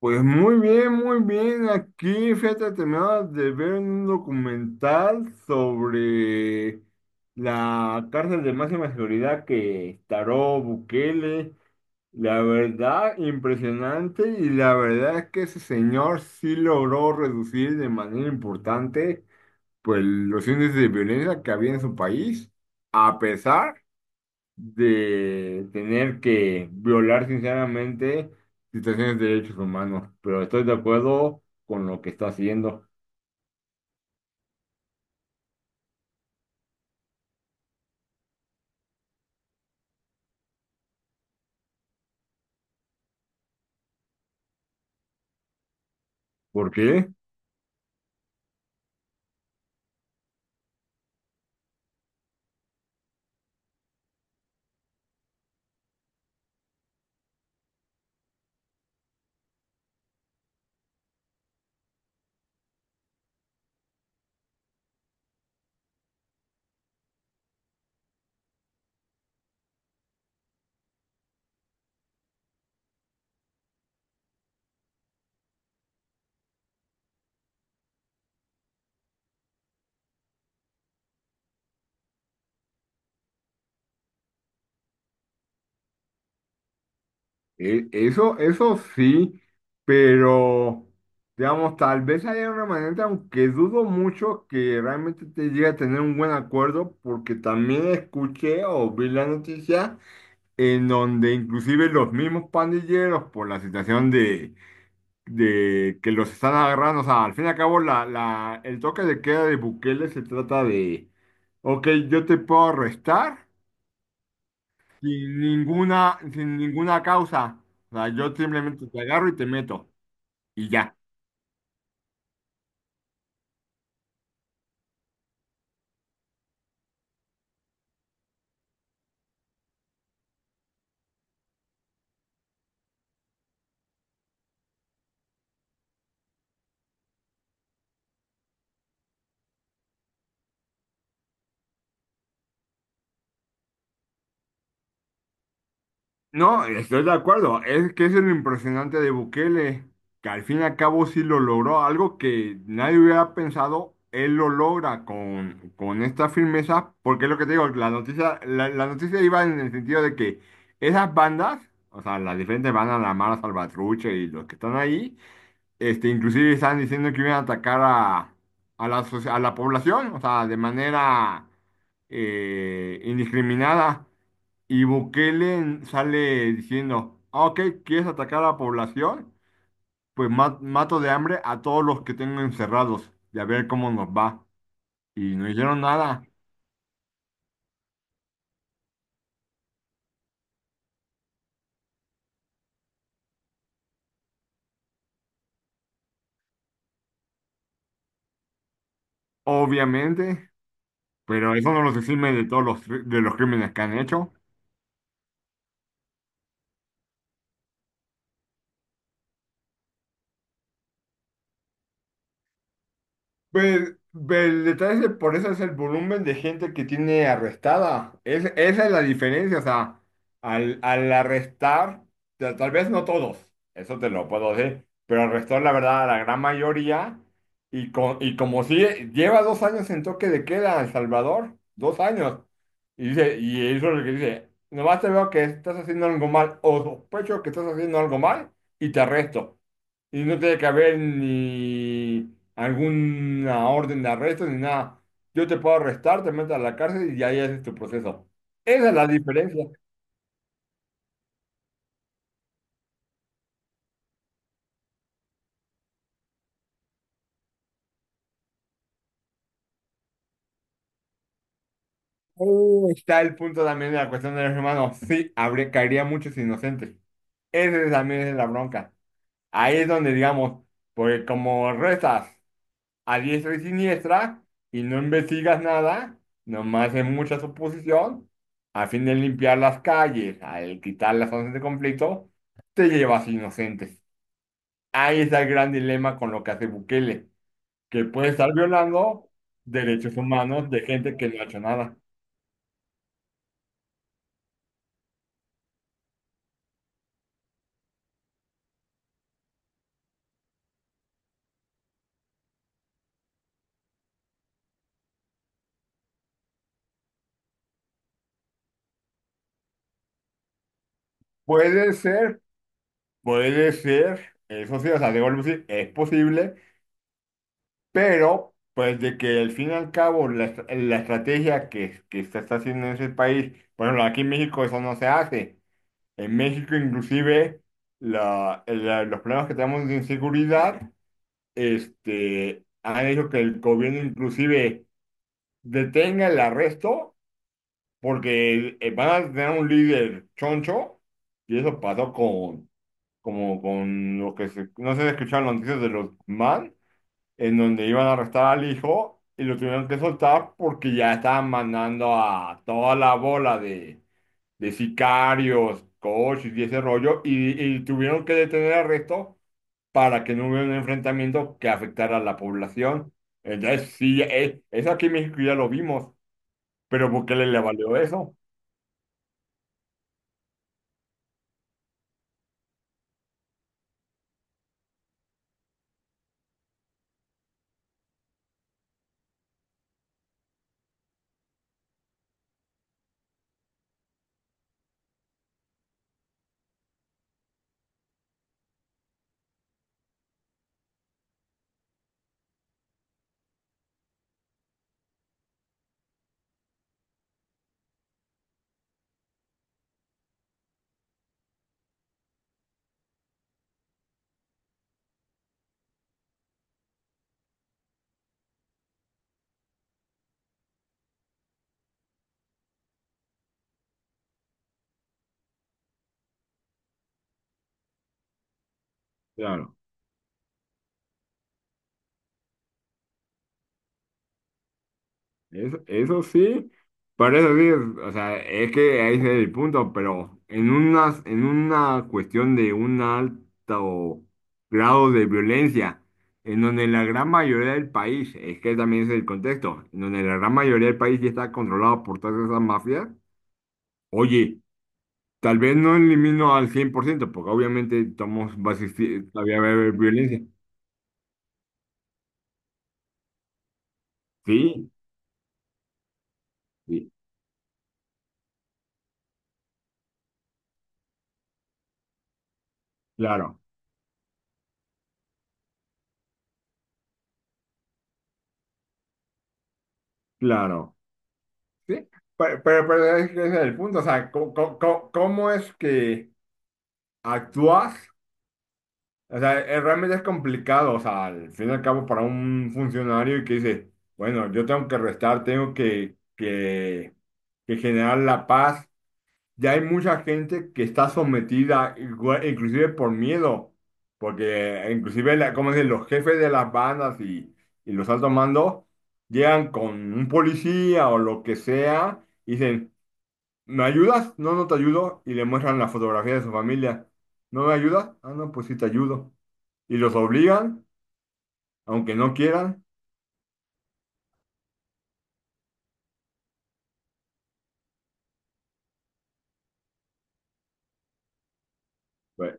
Pues muy bien, muy bien. Aquí, fíjate, terminaba de ver un documental sobre la cárcel de máxima seguridad que instauró Bukele. La verdad, impresionante. Y la verdad es que ese señor sí logró reducir de manera importante, pues, los índices de violencia que había en su país, a pesar de tener que violar sinceramente situaciones de derechos humanos, pero estoy de acuerdo con lo que está haciendo. ¿Por qué? Eso, eso sí, pero digamos, tal vez haya una manera, aunque dudo mucho que realmente te llegue a tener un buen acuerdo, porque también escuché o vi la noticia en donde inclusive los mismos pandilleros por la situación de que los están agarrando. O sea, al fin y al cabo, el toque de queda de Bukele se trata de, ok, yo te puedo arrestar sin ninguna, sin ninguna causa. O sea, yo simplemente te agarro y te meto. Y ya. No, estoy de acuerdo. Es que es lo impresionante de Bukele, que al fin y al cabo sí lo logró, algo que nadie hubiera pensado, él lo logra con esta firmeza, porque es lo que te digo, la noticia, la noticia iba en el sentido de que esas bandas, o sea, las diferentes bandas, la Mara Salvatrucha y los que están ahí, este, inclusive están diciendo que iban a atacar a la, a la población, o sea, de manera indiscriminada. Y Bukele sale diciendo: "Ah, ok, ¿quieres atacar a la población? Pues mato de hambre a todos los que tengo encerrados y a ver cómo nos va". Y no hicieron nada, obviamente, pero eso no los exime de todos los, de los crímenes que han hecho. Pues, el detalle es que por eso es el volumen de gente que tiene arrestada. Es, esa es la diferencia. O sea, al arrestar, tal vez no todos, eso te lo puedo decir, pero arrestó la verdad a la gran mayoría. Y, y como si lleva 2 años en toque de queda en El Salvador, 2 años. Y dice, y eso es lo que dice, nomás te veo que estás haciendo algo mal o sospecho que estás haciendo algo mal y te arresto. Y no tiene que haber ni alguna orden de arresto ni nada. Yo te puedo arrestar, te meto a la cárcel y ahí es tu proceso. Esa es la diferencia. Ahí está el punto también de la cuestión de los hermanos. Sí, habría, caería muchos inocentes. Esa también es la bronca. Ahí es donde digamos, porque como restas a diestra y siniestra y no investigas nada, nomás es mucha suposición, a fin de limpiar las calles, al quitar las zonas de conflicto, te llevas inocentes. Ahí está el gran dilema con lo que hace Bukele, que puede estar violando derechos humanos de gente que no ha hecho nada. Puede ser, puede ser, eso sí, o sea, debo decir, es posible. Pero, pues, de que al fin y al cabo la estrategia que se está haciendo en ese país, bueno, aquí en México eso no se hace. En México inclusive los problemas que tenemos de inseguridad, este, han hecho que el gobierno inclusive detenga el arresto porque van a tener un líder choncho y eso pasó con, como con lo que se, no sé si escucharon las noticias de los man en donde iban a arrestar al hijo y lo tuvieron que soltar porque ya estaban mandando a toda la bola de sicarios, coches y ese rollo, y tuvieron que detener al resto para que no hubiera un enfrentamiento que afectara a la población. Entonces, sí, eso aquí en México ya lo vimos, pero ¿por qué le, le valió eso? Claro. Eso sí, para eso sí, o sea, es que ahí es el punto, pero en unas, en una cuestión de un alto grado de violencia, en donde la gran mayoría del país, es que también es el contexto, en donde la gran mayoría del país ya está controlado por todas esas mafias, oye, tal vez no elimino al 100% porque obviamente estamos, va a existir, todavía va a haber violencia. Sí, sí, claro, claro. Sí, pero es que ese es el punto, o sea, ¿cómo es que actúas? O sea, realmente es complicado, o sea, al fin y al cabo para un funcionario que dice, bueno, yo tengo que restar, tengo que generar la paz. Ya hay mucha gente que está sometida, inclusive por miedo, porque inclusive, como dicen, los jefes de las bandas y los altos mandos llegan con un policía o lo que sea. Y dicen: ¿Me ayudas? No, no te ayudo. Y le muestran la fotografía de su familia. ¿No me ayudas? Ah, no, pues sí te ayudo. Y los obligan, aunque no quieran. Pues,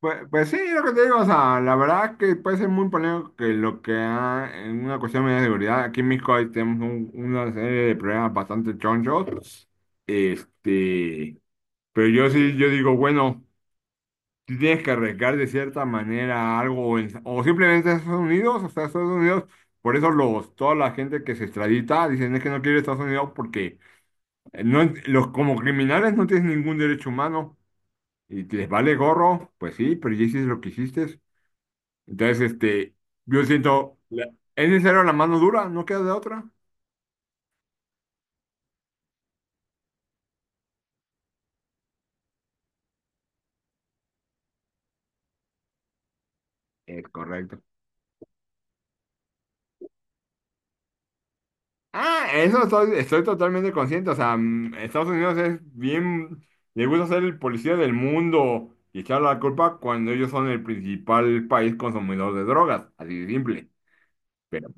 pues sí, lo que te digo, o sea, la verdad que puede ser muy polémico que lo que ha, en una cuestión de seguridad, aquí en México ahí tenemos una serie de problemas bastante chonchos, este, pero yo sí, yo digo, bueno, tú tienes que arriesgar de cierta manera algo, o simplemente a Estados Unidos, o sea, Estados Unidos, por eso los, toda la gente que se extradita dicen es que no quiere Estados Unidos porque no, los, como criminales no tienes ningún derecho humano y te les vale gorro, pues sí, pero ya hiciste lo que hiciste. Entonces, este, yo siento, la- es necesario la mano dura, no queda de otra. Es correcto. Ah, eso estoy, estoy totalmente consciente. O sea, Estados Unidos es bien, le gusta ser el policía del mundo y echar la culpa cuando ellos son el principal país consumidor de drogas, así de simple. Pero,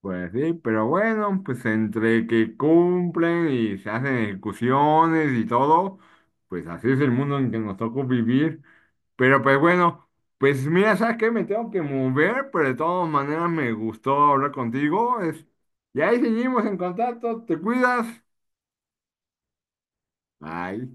pues sí, pero bueno, pues entre que cumplen y se hacen ejecuciones y todo, pues así es el mundo en que nos tocó vivir. Pero pues bueno, pues mira, ¿sabes qué? Me tengo que mover, pero de todas maneras me gustó hablar contigo. Es... Y ahí seguimos en contacto. Te cuidas. Bye.